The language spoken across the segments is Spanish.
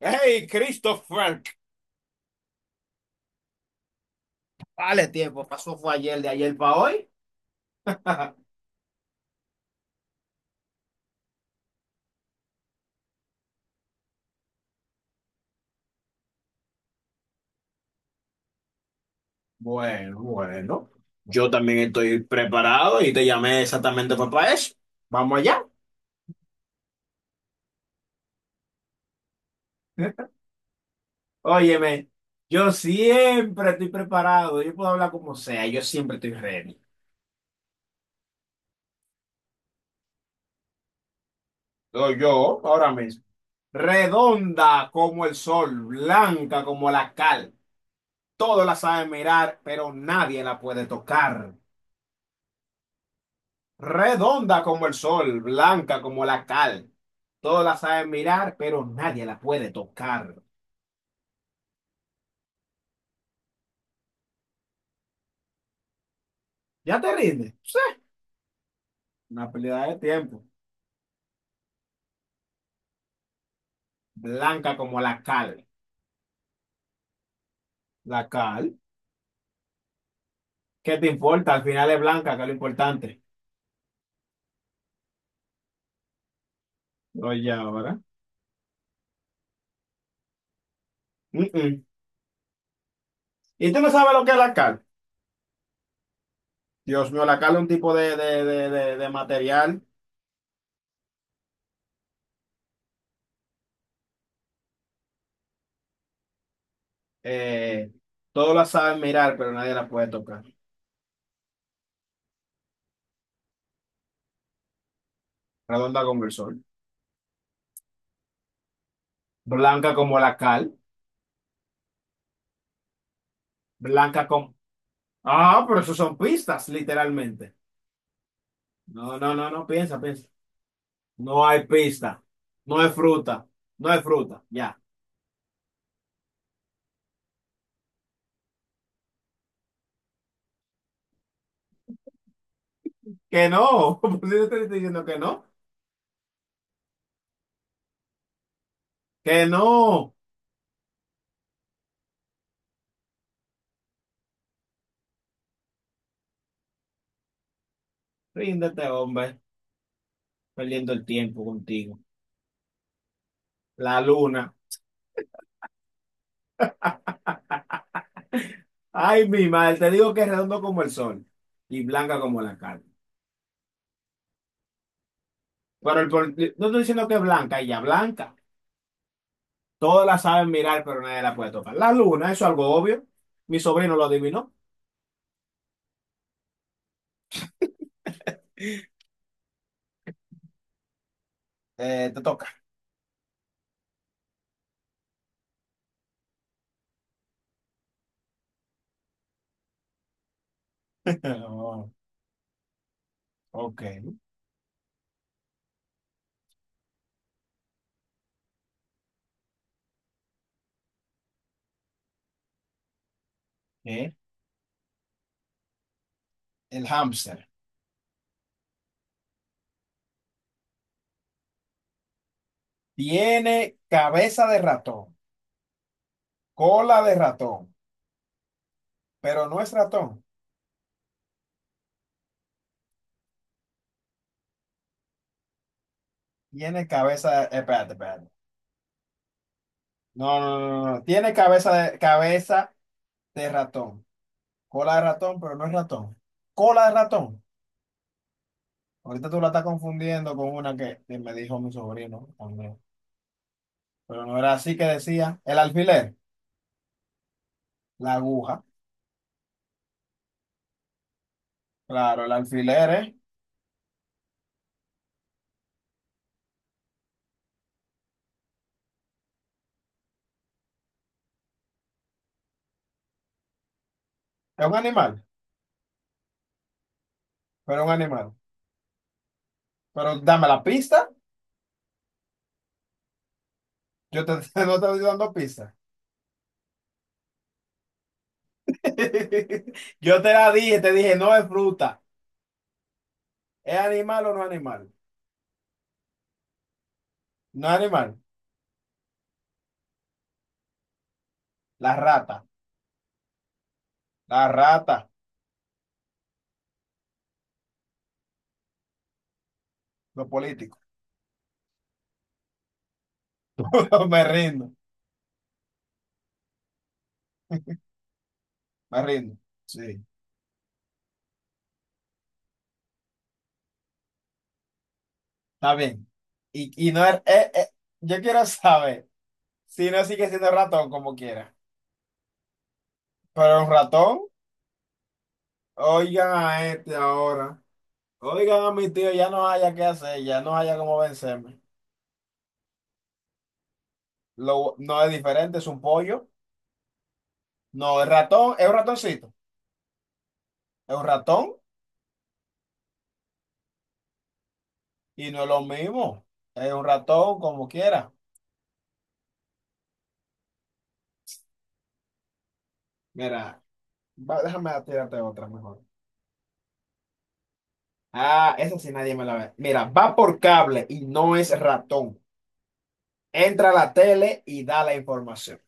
Hey, Christopher. Frank. Vale, tiempo, pasó fue ayer, de ayer para hoy. Bueno. Yo también estoy preparado y te llamé exactamente para eso. Vamos allá. ¿Eh? Óyeme, yo siempre estoy preparado, yo puedo hablar como sea, yo siempre estoy ready. Soy yo, ahora mismo. Redonda como el sol, blanca como la cal. Todos la saben mirar, pero nadie la puede tocar. Redonda como el sol, blanca como la cal. Todos la saben mirar, pero nadie la puede tocar. ¿Ya te rindes? Sí, una pérdida de tiempo. Blanca como la cal. ¿La cal? ¿Qué te importa? Al final es blanca, que es lo importante. Oye, ahora. Mm, mm. ¿Y tú no sabes lo que es la cal? Dios mío, la cal es un tipo de material. eh, todos la saben mirar, pero nadie la puede tocar. Redonda como el sol. Blanca como la cal. Blanca como... Ah, pero eso son pistas, literalmente. No, no, no, no, piensa, piensa. No hay pista. No es fruta. No es fruta. Ya. Que no. ¿Por qué te estoy diciendo que no? Que no. Ríndete, hombre. Perdiendo el tiempo contigo. La luna. Ay, mi madre. Te digo que es redondo como el sol y blanca como la carne. Pero no estoy diciendo que es blanca, ella blanca. Todas la saben mirar, pero nadie la puede tocar. La luna, eso es algo obvio. Mi sobrino lo adivinó. Te toca. Oh, ok. ¿Qué? El hámster tiene cabeza de ratón, cola de ratón, pero no es ratón. Tiene cabeza de... Espérate, espérate. No, no, no, no, no. Tiene cabeza de ratón, cola de ratón, pero no es ratón. Cola de ratón. Ahorita tú la estás confundiendo con una que me dijo mi sobrino también. Pero no era así que decía. El alfiler, la aguja. Claro, el alfiler es un animal. Pero dame la pista. Yo te, no te estoy dando pista. Yo te la dije, te dije, no es fruta. ¿Es animal o no es animal? No es animal. La rata. La rata. Los políticos. Me rindo. Me rindo. Sí. Está bien. Y no es, yo quiero saber si no sigue siendo ratón como quiera. Pero un ratón, oigan a este ahora. Oigan a mi tío, ya no haya qué hacer, ya no haya cómo vencerme. Lo, no es diferente, es un pollo. No, el ratón es un ratoncito. Es un ratón y no es lo mismo. Es un ratón como quiera. Mira, déjame tirarte otra mejor. Ah, esa sí nadie me la ve. Mira, va por cable y no es ratón. Entra a la tele y da la información.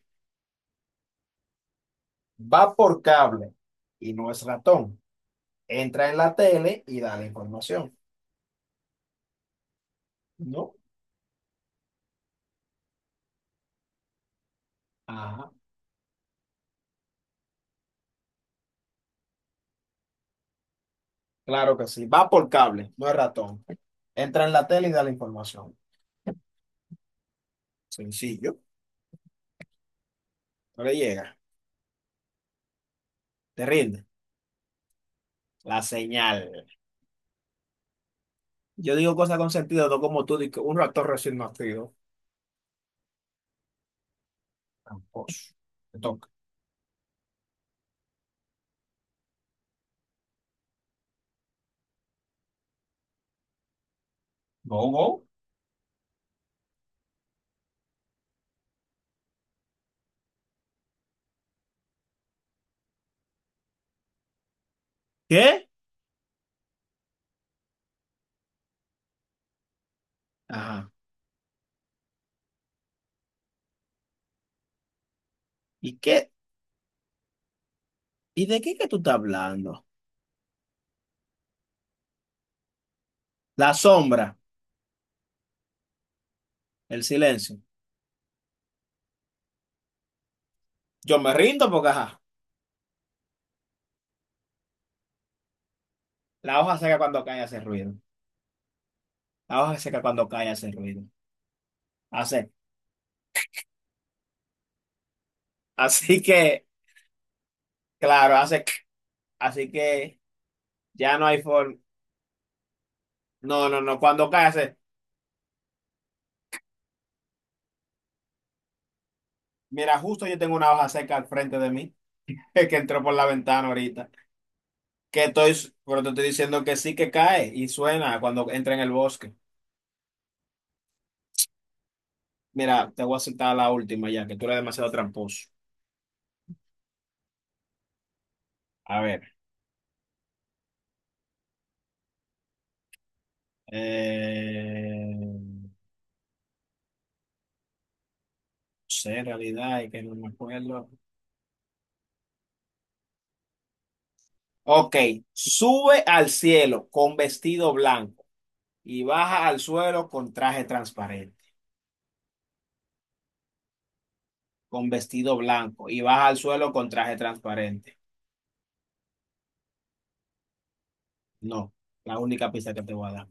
Va por cable y no es ratón. Entra en la tele y da la información. ¿No? Ajá. Claro que sí. Va por cable, no es ratón. Entra en la tele y da la información. Sencillo. No le llega. Te rinde. La señal. Yo digo cosas con sentido, no como tú, di que un ratón recién nacido. Tramposo. Te toca. Go, go. ¿Qué? Ajá. ¿Y qué? ¿Y de qué que tú estás hablando? La sombra, el silencio. Yo me rindo porque, ajá, la hoja seca cuando cae hace ruido. La hoja seca cuando cae hace ruido. Hace. Así que, claro, hace. Así que ya no hay forma. No, no, no. Cuando cae hace. Mira, justo yo tengo una hoja seca al frente de mí, es que entró por la ventana ahorita. Que estoy, pero te estoy diciendo que sí que cae y suena cuando entra en el bosque. Mira, te voy a aceptar la última ya, que tú eres demasiado tramposo. A ver, no sé, en realidad, es que no me acuerdo. Ok, sube al cielo con vestido blanco y baja al suelo con traje transparente. Con vestido blanco y baja al suelo con traje transparente. No, la única pista que te voy a dar.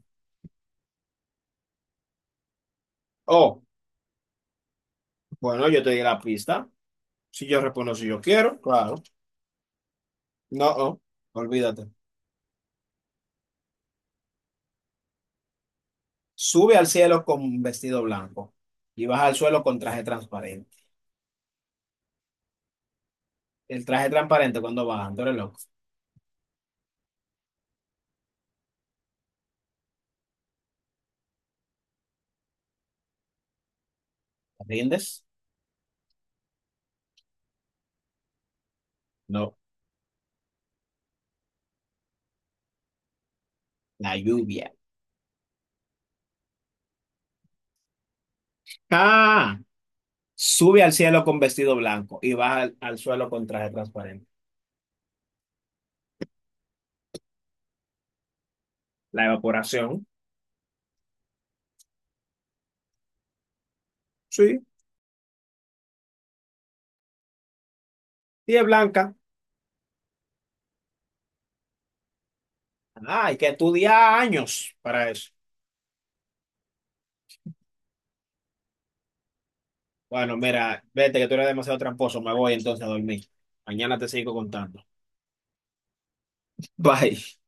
Oh, bueno, yo te di la pista. Si yo respondo si yo quiero, claro. No, oh, olvídate. Sube al cielo con un vestido blanco y baja al suelo con traje transparente. El traje transparente cuando baja, tú eres loco. ¿Te ¿rindes? No, la lluvia. Ah, sube al cielo con vestido blanco y baja al suelo con traje transparente. La evaporación. Sí, y es blanca. Ah, hay que estudiar años para eso. Bueno, mira, vete que tú eres demasiado tramposo. Me voy entonces a dormir. Mañana te sigo contando. Bye.